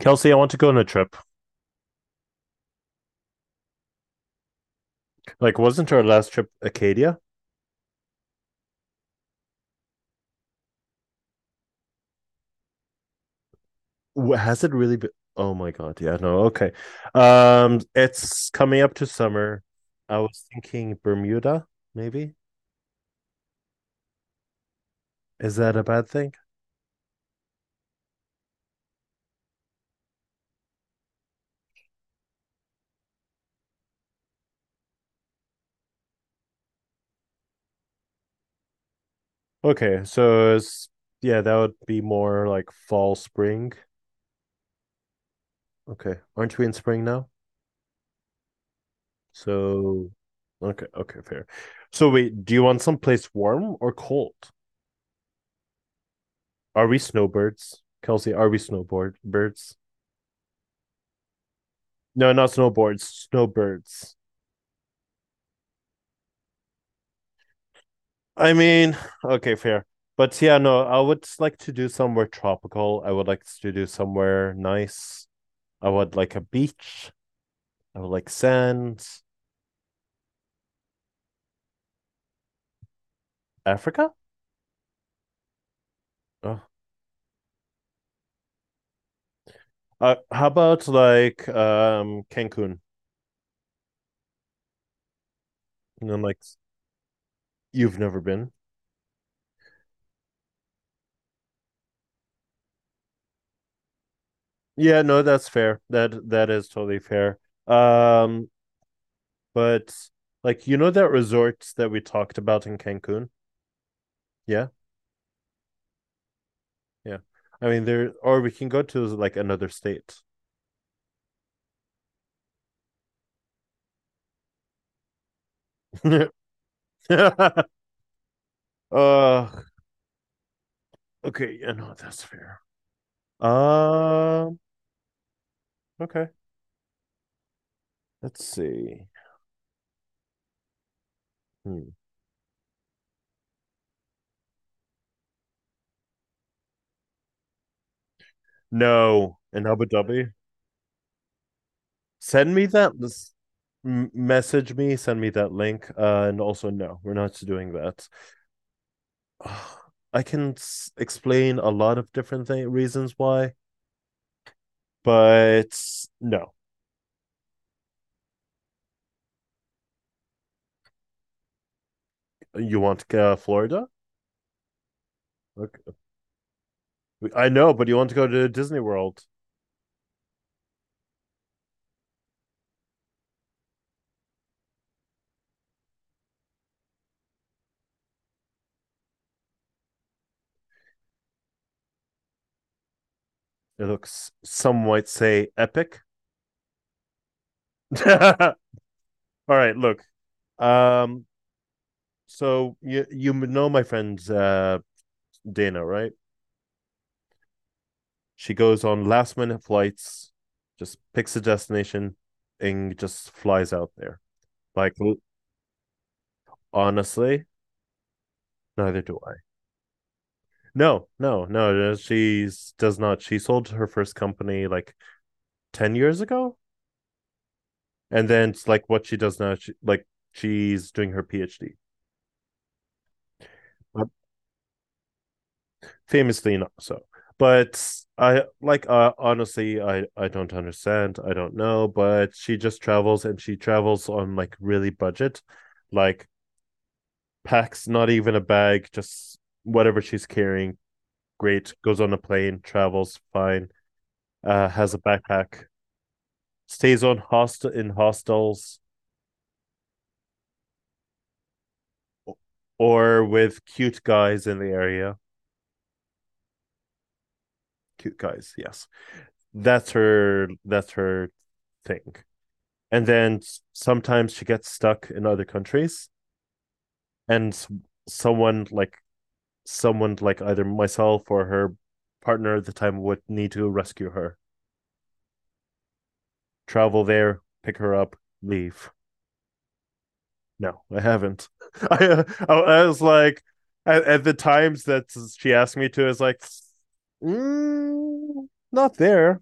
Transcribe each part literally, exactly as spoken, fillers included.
Kelsey, I want to go on a trip. Like, wasn't our last trip Acadia? Has it really been? Oh my God. Yeah, no. Okay. Um, it's coming up to summer. I was thinking Bermuda, maybe. Is that a bad thing? Okay. So, it's, yeah, that would be more like fall, spring. Okay. Aren't we in spring now? So, okay. Okay. Fair. So, wait, do you want someplace warm or cold? Are we snowbirds? Kelsey, are we snowboard birds? No, not snowboards, snowbirds. I mean, okay, fair. But yeah, no, I would like to do somewhere tropical. I would like to do somewhere nice. I would like a beach. I would like sand. Africa? Oh. Uh, how about like um Cancun? And then like you've never been. Yeah, no, that's fair. That that is totally fair. Um, but like you know that resort that we talked about in Cancun? Yeah. Yeah. I mean, there, or we can go to like another state. uh, okay. Yeah, no, that's fair. Um, uh, okay. Let's see. Hmm. No, in Abu Dhabi. Send me that. S- m- message me. Send me that link. Uh, and also, no, we're not doing that. Oh, I can s- explain a lot of different th- reasons why, but no. You want uh, Florida? Okay. I know, but you want to go to Disney World? It looks, some might say, epic. All right, look. Um, so you you know my friend uh, Dana, right? She goes on last minute flights, just picks a destination, and just flies out there. Like honestly, neither do I. No, no, no. She does not. She sold her first company like ten years ago, and then it's like what she does now. She like she's doing her PhD. But famously not so, but I like uh, honestly i i don't understand, I don't know, but she just travels and she travels on like really budget, like packs not even a bag, just whatever she's carrying, great, goes on a plane, travels fine, uh has a backpack, stays on hostel in hostels, or with cute guys in the area. Cute guys, yes, that's her that's her thing. And then sometimes she gets stuck in other countries and someone like, someone like either myself or her partner at the time would need to rescue her, travel there, pick her up, leave. No, I haven't. i, uh, I I was like at, at the times that she asked me to I was like, mm, not there.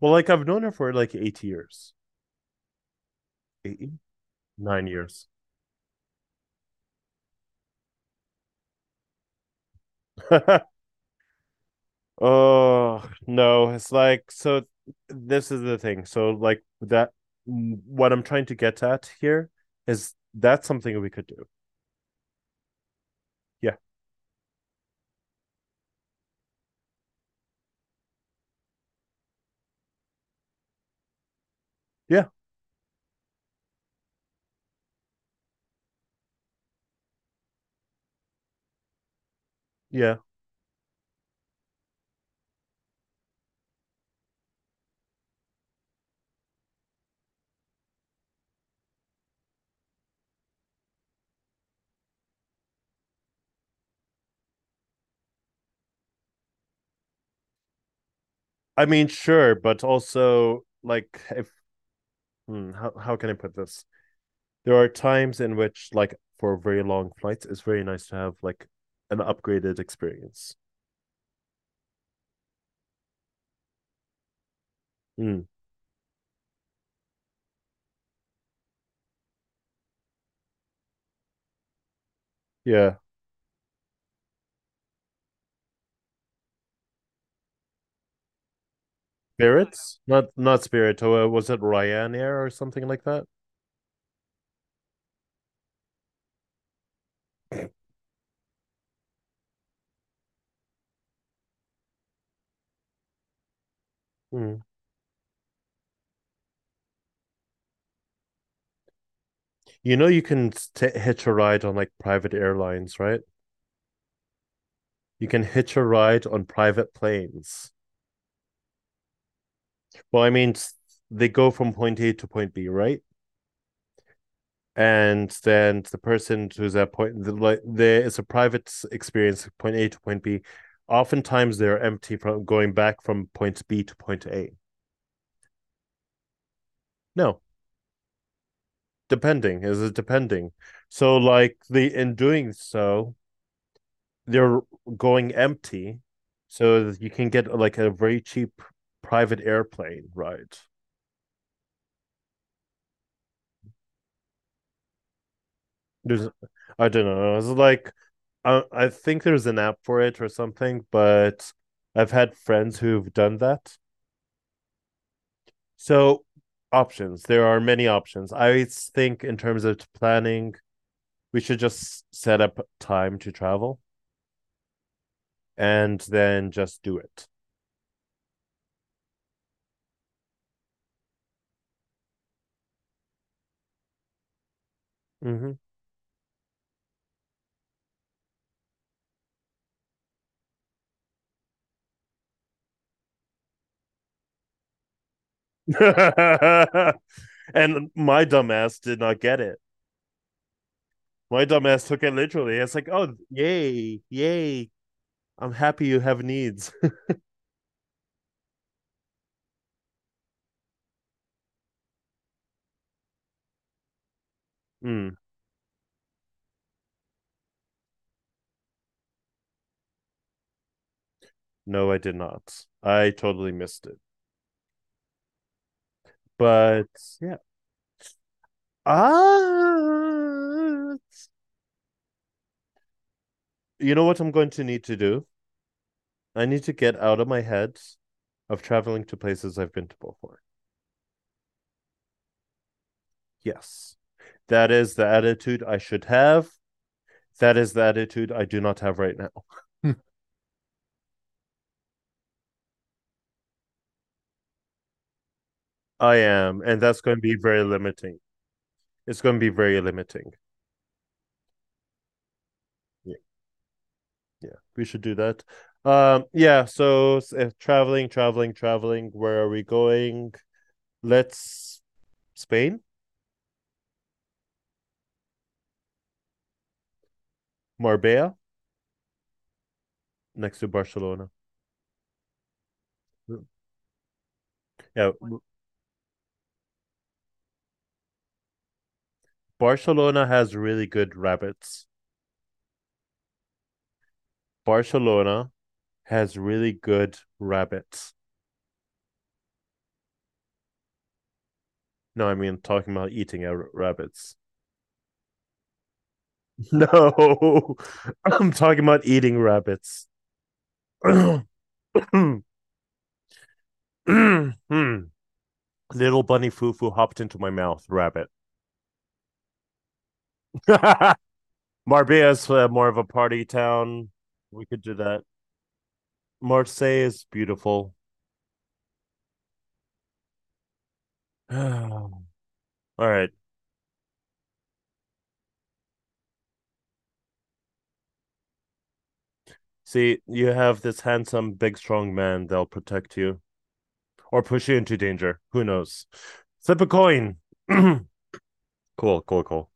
Well, like I've known her for like eight years, eight, nine years. Oh no, it's like so. This is the thing. So like that. What I'm trying to get at here is that's something we could do. Yeah, yeah, yeah. I mean, sure, but also like if, hmm, how how can I put this? There are times in which like for very long flights, it's very nice to have like an upgraded experience. Mm, yeah, Spirits, not not Spirit. Oh, uh, was it Ryanair or something like that? Mm. You know, you can t- hitch a ride on like private airlines, right? You can hitch a ride on private planes. Well, I mean, they go from point A to point B, right? And then the person who's at point, the, like, there is a private experience, point A to point B. Oftentimes they're empty from going back from point B to point A. No, depending. Is it depending? So, like, the in doing so, they're going empty, so you can get like a very cheap private airplane ride. There's, I don't know. It's like, I I think there's an app for it or something, but I've had friends who've done that. So options. There are many options. I think in terms of planning, we should just set up time to travel and then just do it. Mm-hmm. And my dumbass did not get it. My dumbass took it literally. It's like, oh, yay, yay. I'm happy you have needs. Mm, no, I did not. I totally missed it. But yeah. Ah, you know what I'm going to need to do? I need to get out of my head of traveling to places I've been to before. Yes. That is the attitude I should have. That is the attitude I do not have right now. I am. And that's going to be very limiting. It's going to be very limiting. Yeah. Yeah, we should do that. Um, yeah, so s- eh, traveling, traveling, traveling, where are we going? Let's Spain, Marbella, next to Barcelona. Yeah, Barcelona has really good rabbits. Barcelona has really good rabbits. No, I mean talking about eating rabbits. No, I'm talking about eating rabbits. Little bunny foo foo hopped into my mouth, rabbit. Marbia's uh, more of a party town. We could do that. Marseille is beautiful. All right. See, you have this handsome, big, strong man that'll protect you or push you into danger. Who knows? Flip a coin. cool, cool, cool.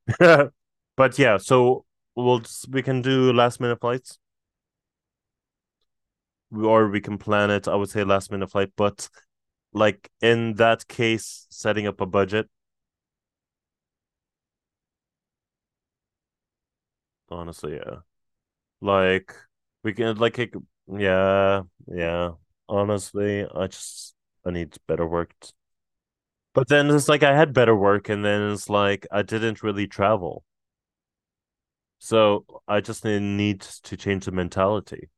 But yeah, so we'll just, we can do last minute flights or we can plan it. I would say last minute flight, but like in that case, setting up a budget. Honestly, yeah. Like we can like it, yeah, yeah. Honestly, I just I need better work. But then it's like I had better work and then it's like I didn't really travel. So I just need to change the mentality.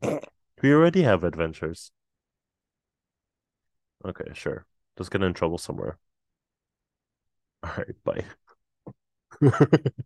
We already have adventures. Okay, sure. Just get in trouble somewhere. All right, bye.